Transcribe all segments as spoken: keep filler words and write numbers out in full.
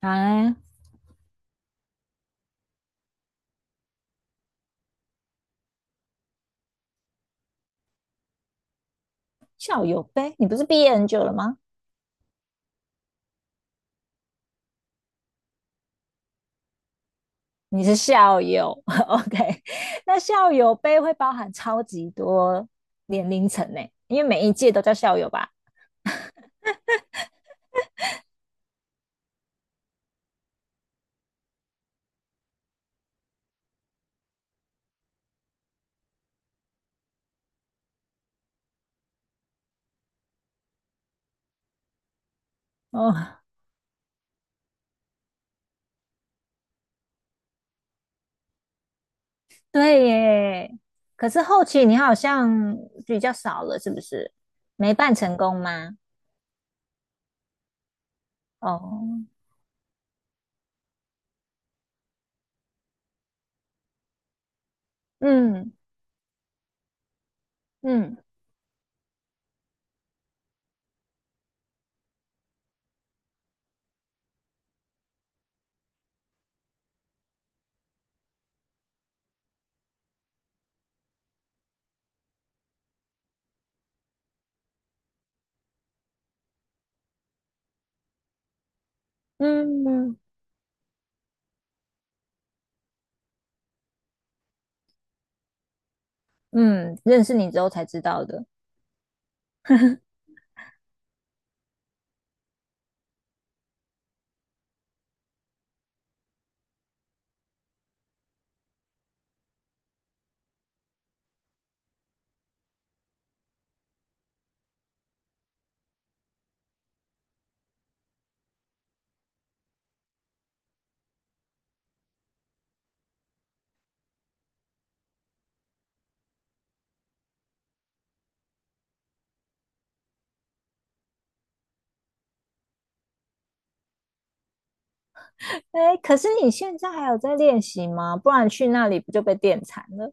啊，校友杯，你不是毕业很久了吗？你是校友 ，OK？那校友杯会包含超级多年龄层呢，因为每一届都叫校友吧？哦，对耶。可是后期你好像比较少了，是不是？没办成功吗？哦，嗯嗯嗯嗯，嗯认识你之后才知道的。哎，可是你现在还有在练习吗？不然去那里不就被电惨了？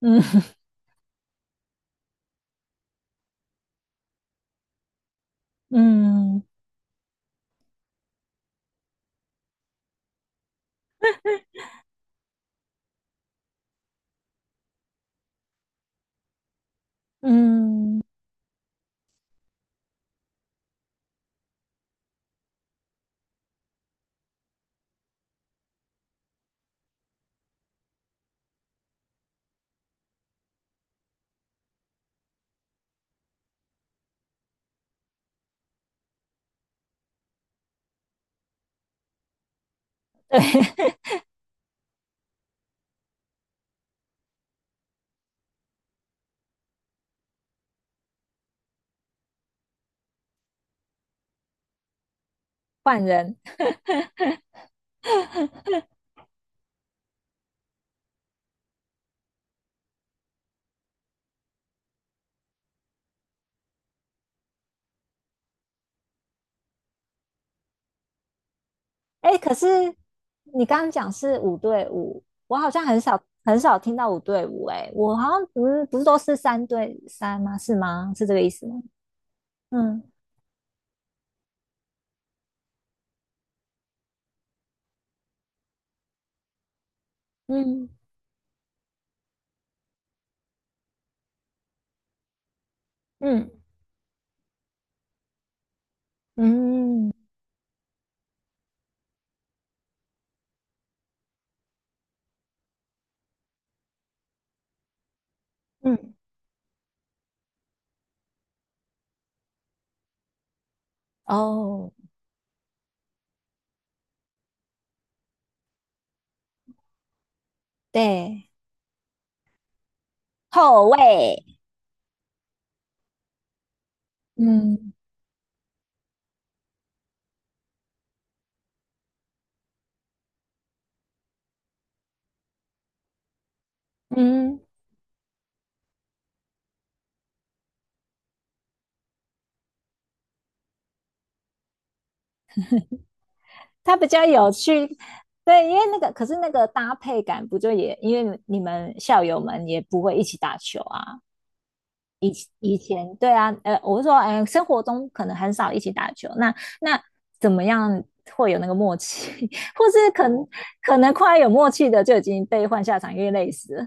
嗯 嗯。嗯，换人。哎，可是你刚刚讲是五对五，我好像很少很少听到五对五。哎，我好像不是不是都是三对三吗？是吗？是这个意思吗？嗯嗯嗯嗯嗯。哦，对，后卫。嗯嗯，他比较有趣。对，因为那个可是那个搭配感不就也因为你们校友们也不会一起打球啊，以前对啊，呃，我是说，哎、呃生活中可能很少一起打球，那那怎么样会有那个默契，或是可能可能快有默契的就已经被换下场，因为累死了。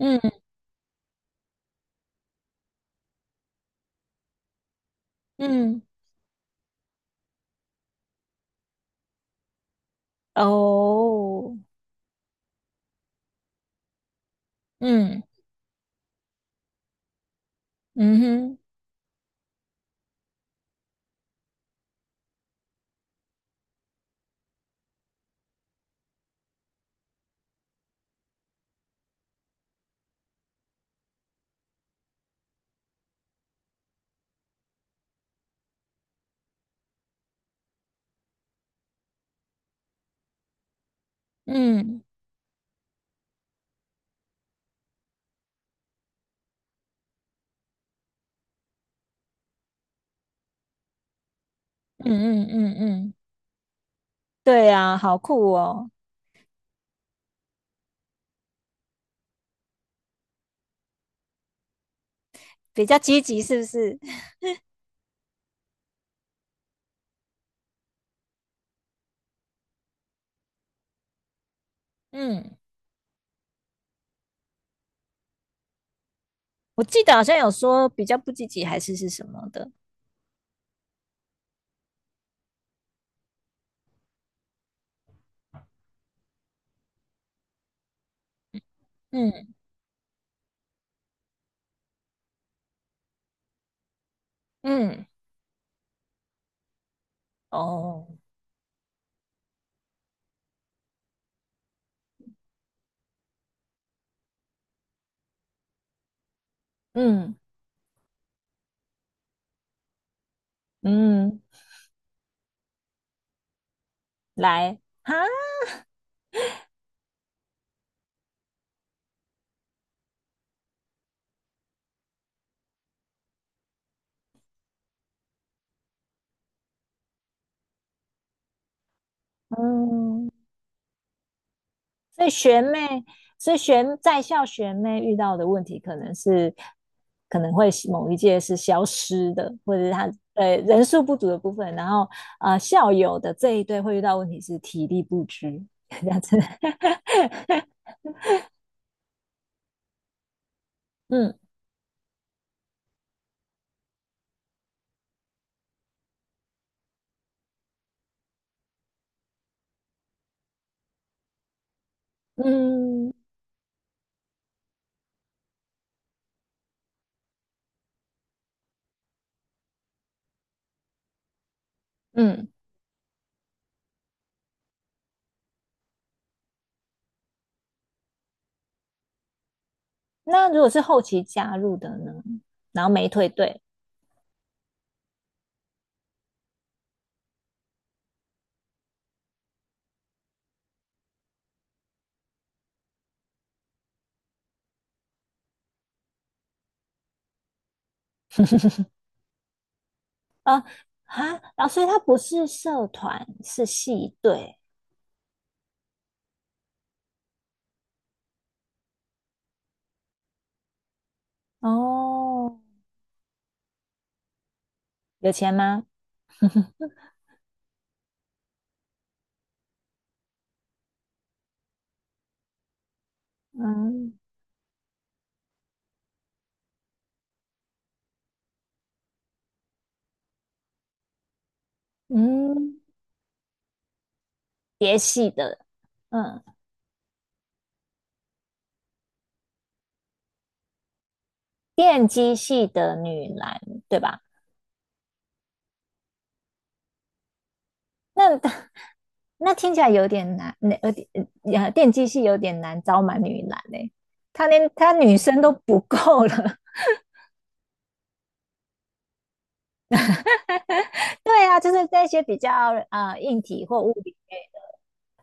嗯嗯哦，嗯嗯哼嗯嗯嗯嗯嗯对啊，好酷哦，比较积极是不是？嗯我记得好像有说比较不积极还是是什么的。嗯嗯，哦，嗯嗯，来哈，嗯，所以学妹，所以学在校学妹遇到的问题，可能是可能会某一届是消失的，或者是他呃人数不足的部分，然后呃校友的这一对会遇到问题是体力不支，这样子。嗯嗯嗯。那如果是后期加入的呢？然后没退队哈，然后所以他不是社团，是系队哦。有钱吗？嗯嗯。别系的，嗯，电机系的女篮，对吧？那那听起来有点难，那有点呃，电机系有点难招满女篮嘞、欸她连她女生都不够了。对啊，就是那些比较呃硬体或物理类的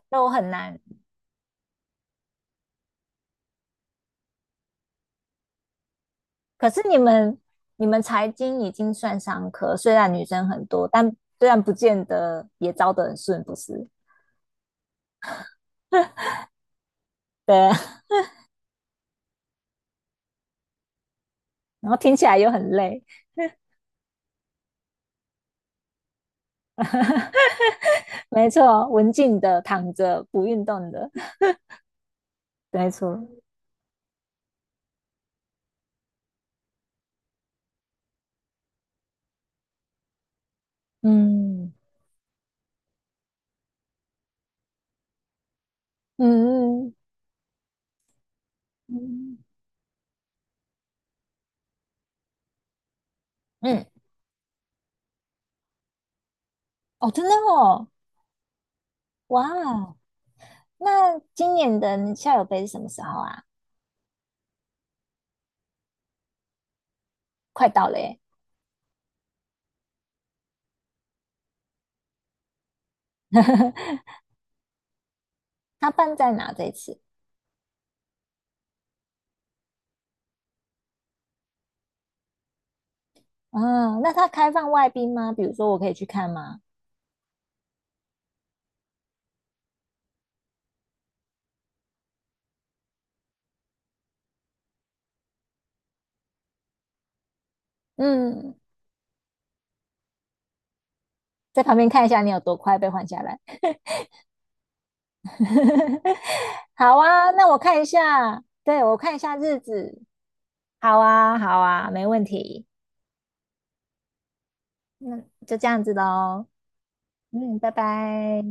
都很难。可是你们你们财经已经算商科，虽然女生很多，但虽然不见得也招得很顺，不是？对啊，然后听起来又很累。没错，文静的躺着不运动的 没错，嗯嗯嗯，嗯嗯哦，真的哦，哇，那今年的校友杯是什么时候啊？快到了耶，它办在哪这一次？嗯，那它开放外宾吗？比如说我可以去看吗？嗯，在旁边看一下你有多快被换下来。好啊，那我看一下，对，我看一下日子。好啊，好啊，没问题。那就这样子喽。嗯，拜拜。